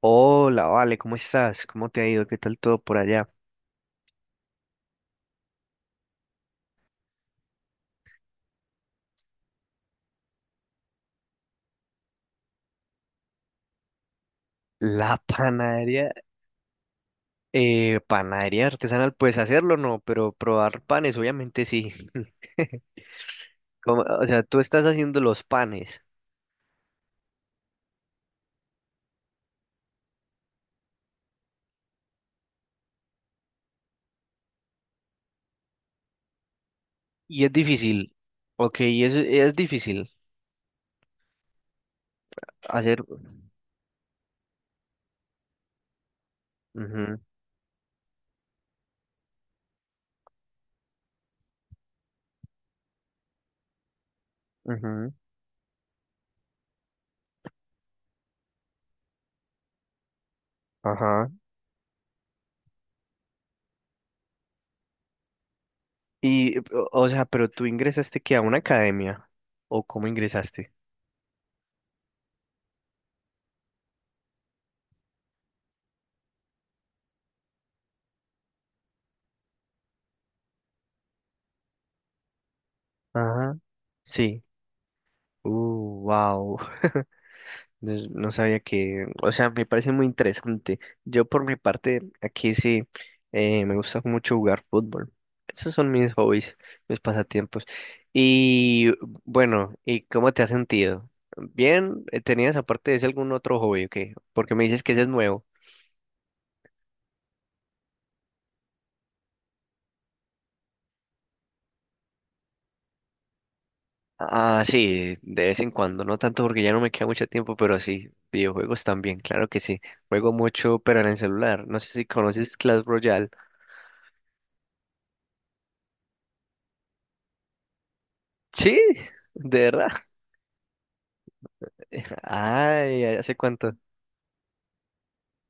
Hola, vale, ¿cómo estás? ¿Cómo te ha ido? ¿Qué tal todo por allá? La panadería, panadería artesanal, pues hacerlo no, pero probar panes, obviamente sí. O sea, tú estás haciendo los panes y es difícil, ok, y es difícil hacer. Ujú, ujú, ajá. Y, o o sea, pero tú ingresaste que a una academia, ¿o cómo ingresaste? Ajá. Sí. Wow. Entonces, no sabía que, o sea, me parece muy interesante. Yo por mi parte, aquí sí, me gusta mucho jugar fútbol. Esos son mis hobbies, mis pasatiempos. Y bueno, ¿y cómo te has sentido? Bien. ¿Tenías aparte de ese algún otro hobby o qué? Porque me dices que ese es nuevo. Ah, sí, de vez en cuando, no tanto porque ya no me queda mucho tiempo, pero sí, videojuegos también, claro que sí. Juego mucho, pero en el celular. No sé si conoces Clash Royale. Sí, de verdad. Ay, ¿hace cuánto?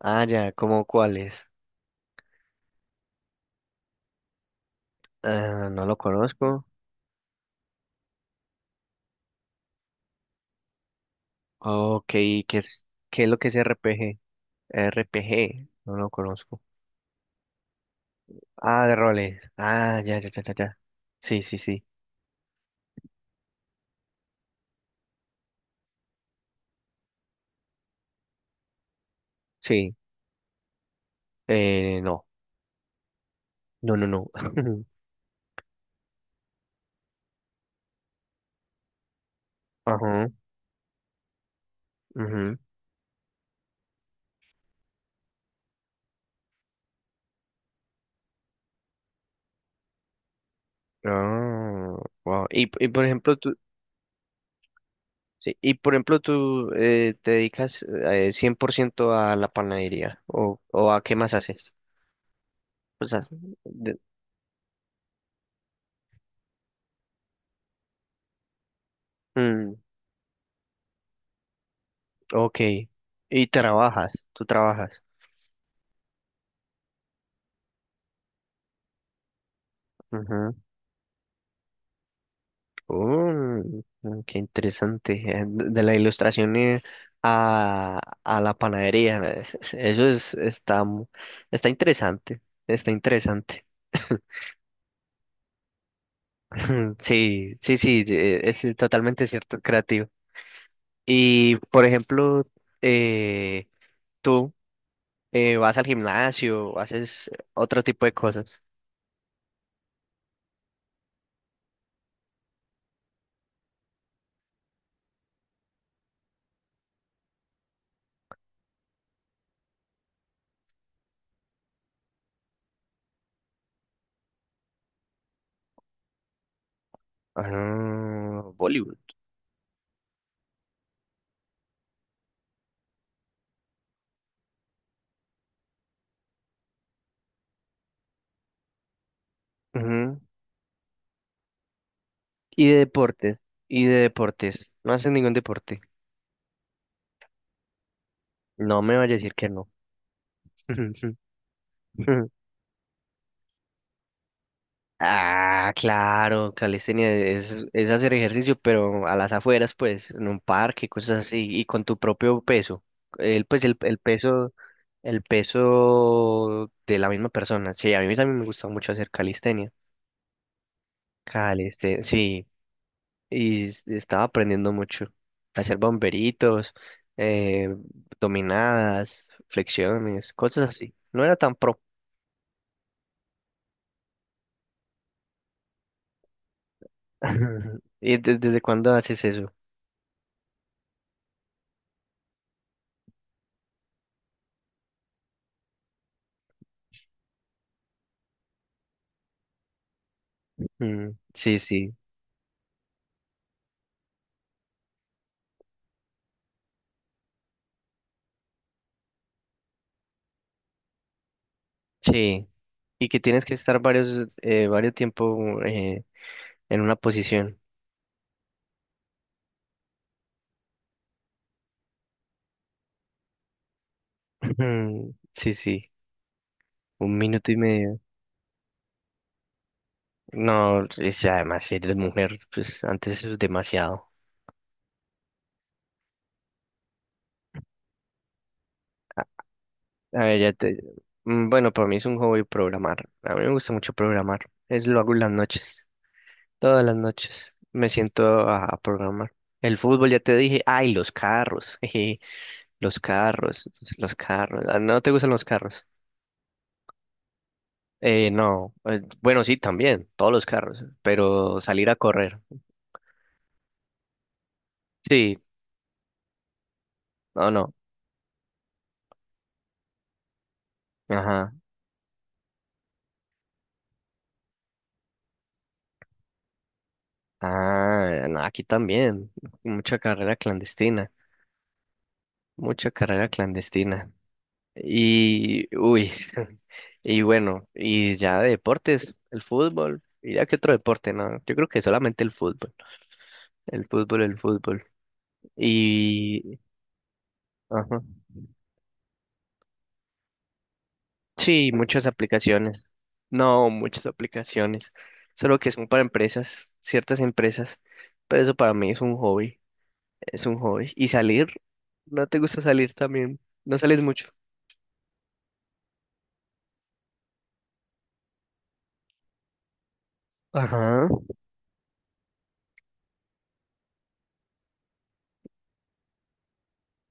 Ah, ya, ¿cómo cuáles? Ah, no lo conozco. Ok, ¿qué es lo que es RPG? RPG, no lo conozco. Ah, de roles. Ah, ya, ya, ya, ya, ya. Sí, sí, sí. Sí, no. No, no, no. Ajá, ujú. Ah, wow. Y por ejemplo, tú, sí, y por ejemplo, tú te dedicas 100% a la panadería, ¿o a qué más haces? O sea, de- mm, ok. Y trabajas, tú trabajas. Ajá. Mm, qué interesante. De de la ilustración ilustraciones a la panadería. Es- Eso es, está, mu- está interesante. Está interesante. Sí, sí, sí, es totalmente cierto, creativo. Y, por ejemplo, eh, tú vas al gimnasio, haces otro tipo de cosas. Ah, voleibol. Ujú. Y de deportes, y de deportes. No haces ningún deporte. No me vaya a decir que no. Ah, claro, es hacer ejercicio, pero a las afueras, pues, en un parque, cosas así, y con tu propio peso. El peso, el peso de la misma persona. Sí, a mí también me gusta mucho hacer calistenia. Calistenia, sí. Estaba aprendiendo mucho. A hacer bomberitos, eh, dominadas, flexiones, cosas así. No era tan pro. ¿Y desde cuándo haces eso? Mm, sí, sí, sí. Y que tienes que estar varios, varios tiempo en una posición. Sí, sí. Un minuto y medio. No, o sea, además, si eres mujer, pues antes eso es demasiado. A ver, ya te... Mm, bueno, para mí es un hobby programar. A mí me gusta mucho programar. Es lo hago en las noches. Todas las noches me siento a programar. El fútbol, ya te dije. Ay, los carros. Jeje, los carros. Los carros. Ah, ¿no te gustan los carros? No. Bueno, sí, también. Todos los carros. Pero salir a correr. Sí. No, no. Ajá. Ah, no, aquí también. Mucha carrera clandestina. Mucha carrera clandestina. Y, uy, y bueno, y ya de deportes, el fútbol, y ya que otro deporte, no, yo creo que solamente el fútbol, el fútbol, el fútbol, y, ajá, sí, muchas aplicaciones, no, muchas aplicaciones, solo que son para empresas, ciertas empresas, pero eso para mí es un hobby, y salir, no te gusta salir también, no sales mucho. Ajá,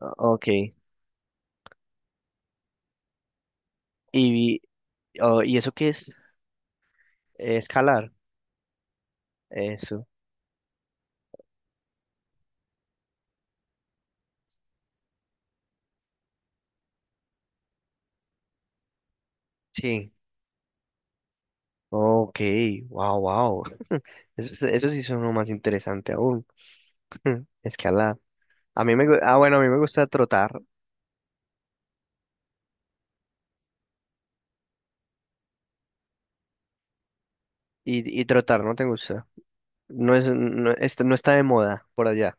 ok, y, oh, ¿y eso qué es? Escalar, eso. Sí. Ok, wow, wow. Eso sí suena más interesante aún. Escalada. A mí me, bueno, a mí me gusta trotar y trotar, ¿no te gusta? No es, no, no está de moda por allá.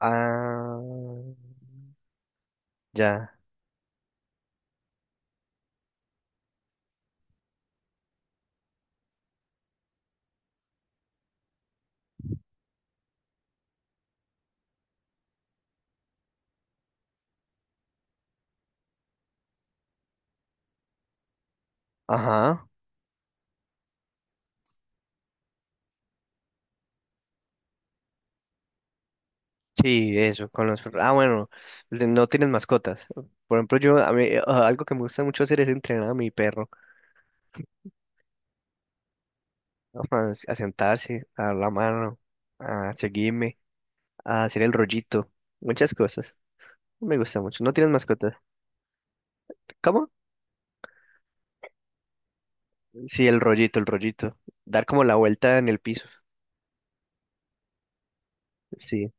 Ah, ya. Ajá. Sí, eso, con los perros. Ah, bueno, no tienes mascotas. Por ejemplo, yo, a mí, algo que me gusta mucho hacer es entrenar a mi perro, a sentarse, a dar la mano, a seguirme, a hacer el rollito, muchas cosas. No me gusta mucho. ¿No tienes mascotas? ¿Cómo? Sí, el rollito, el rollito. Dar como la vuelta en el piso. Sí.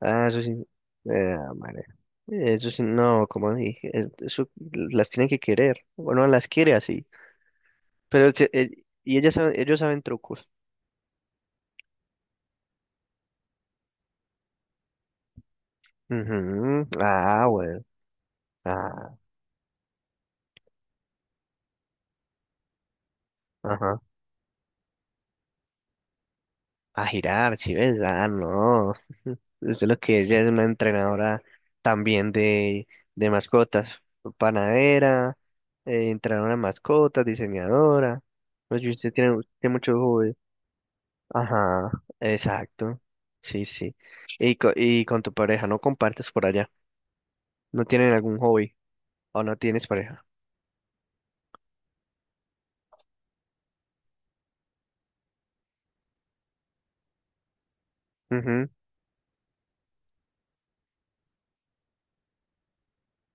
Ah, eso sí. Madre. Eso sí, no, como dije, eso las tienen que querer. Bueno, las quiere así. Pero y ellos saben trucos. Ujú. Ah, bueno. Ah, ajá. A girar, si ves. Ah, no. Esto es lo que ella es una entrenadora también de mascotas, panadera, entrenadora de mascotas, diseñadora. Pues y usted tiene, tiene mucho hobby. Ajá, exacto. Sí, sí. Y con tu pareja, no compartes por allá. ¿No tienen algún hobby o no tienes pareja? Ujú.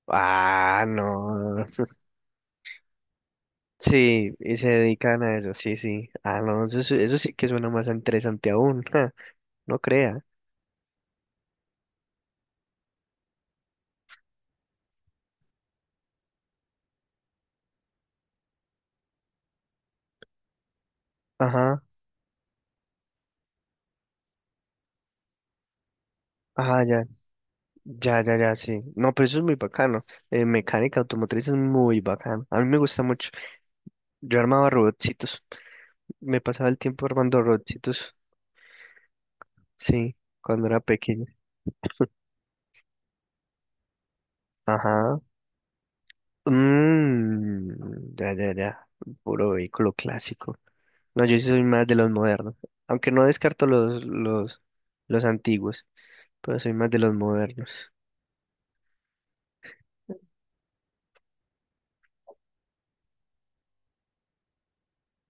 Ah, no. Sí, y se dedican a eso, sí, sí. Ah, no, eso, eso sí que suena más interesante aún. Ja, no crea. Ajá, ajá, ya. Ya, ya, ya, sí. No, pero eso es muy bacano. Mecánica automotriz es muy bacano. A mí me gusta mucho. Yo armaba robotcitos. Me pasaba el tiempo armando robotcitos. Sí, cuando era pequeño. Ajá. Mmm, ya, ya, ya. Puro vehículo clásico. No, yo sí soy más de los modernos. Aunque no descarto los antiguos, pero soy más de los modernos.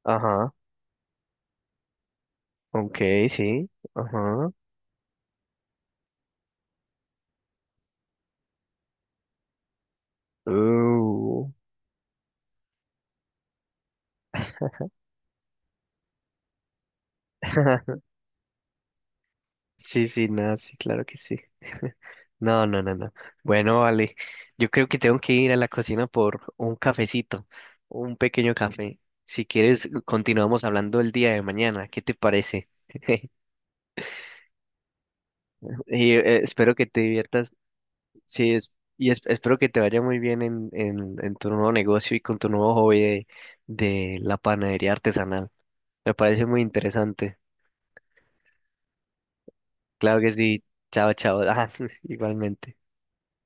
Ajá. Ok, sí. Ajá. Uh. Sí, sí, no, sí, claro que sí. No, no, no, no. Bueno, vale. Yo creo que tengo que ir a la cocina por un cafecito, un pequeño café. Si quieres, continuamos hablando el día de mañana. ¿Qué te parece? Y espero que te diviertas. Sí, espero que te vaya muy bien en tu nuevo negocio y con tu nuevo hobby de la panadería artesanal. Me parece muy interesante. Claro que sí. Chao, chao. Ah, igualmente.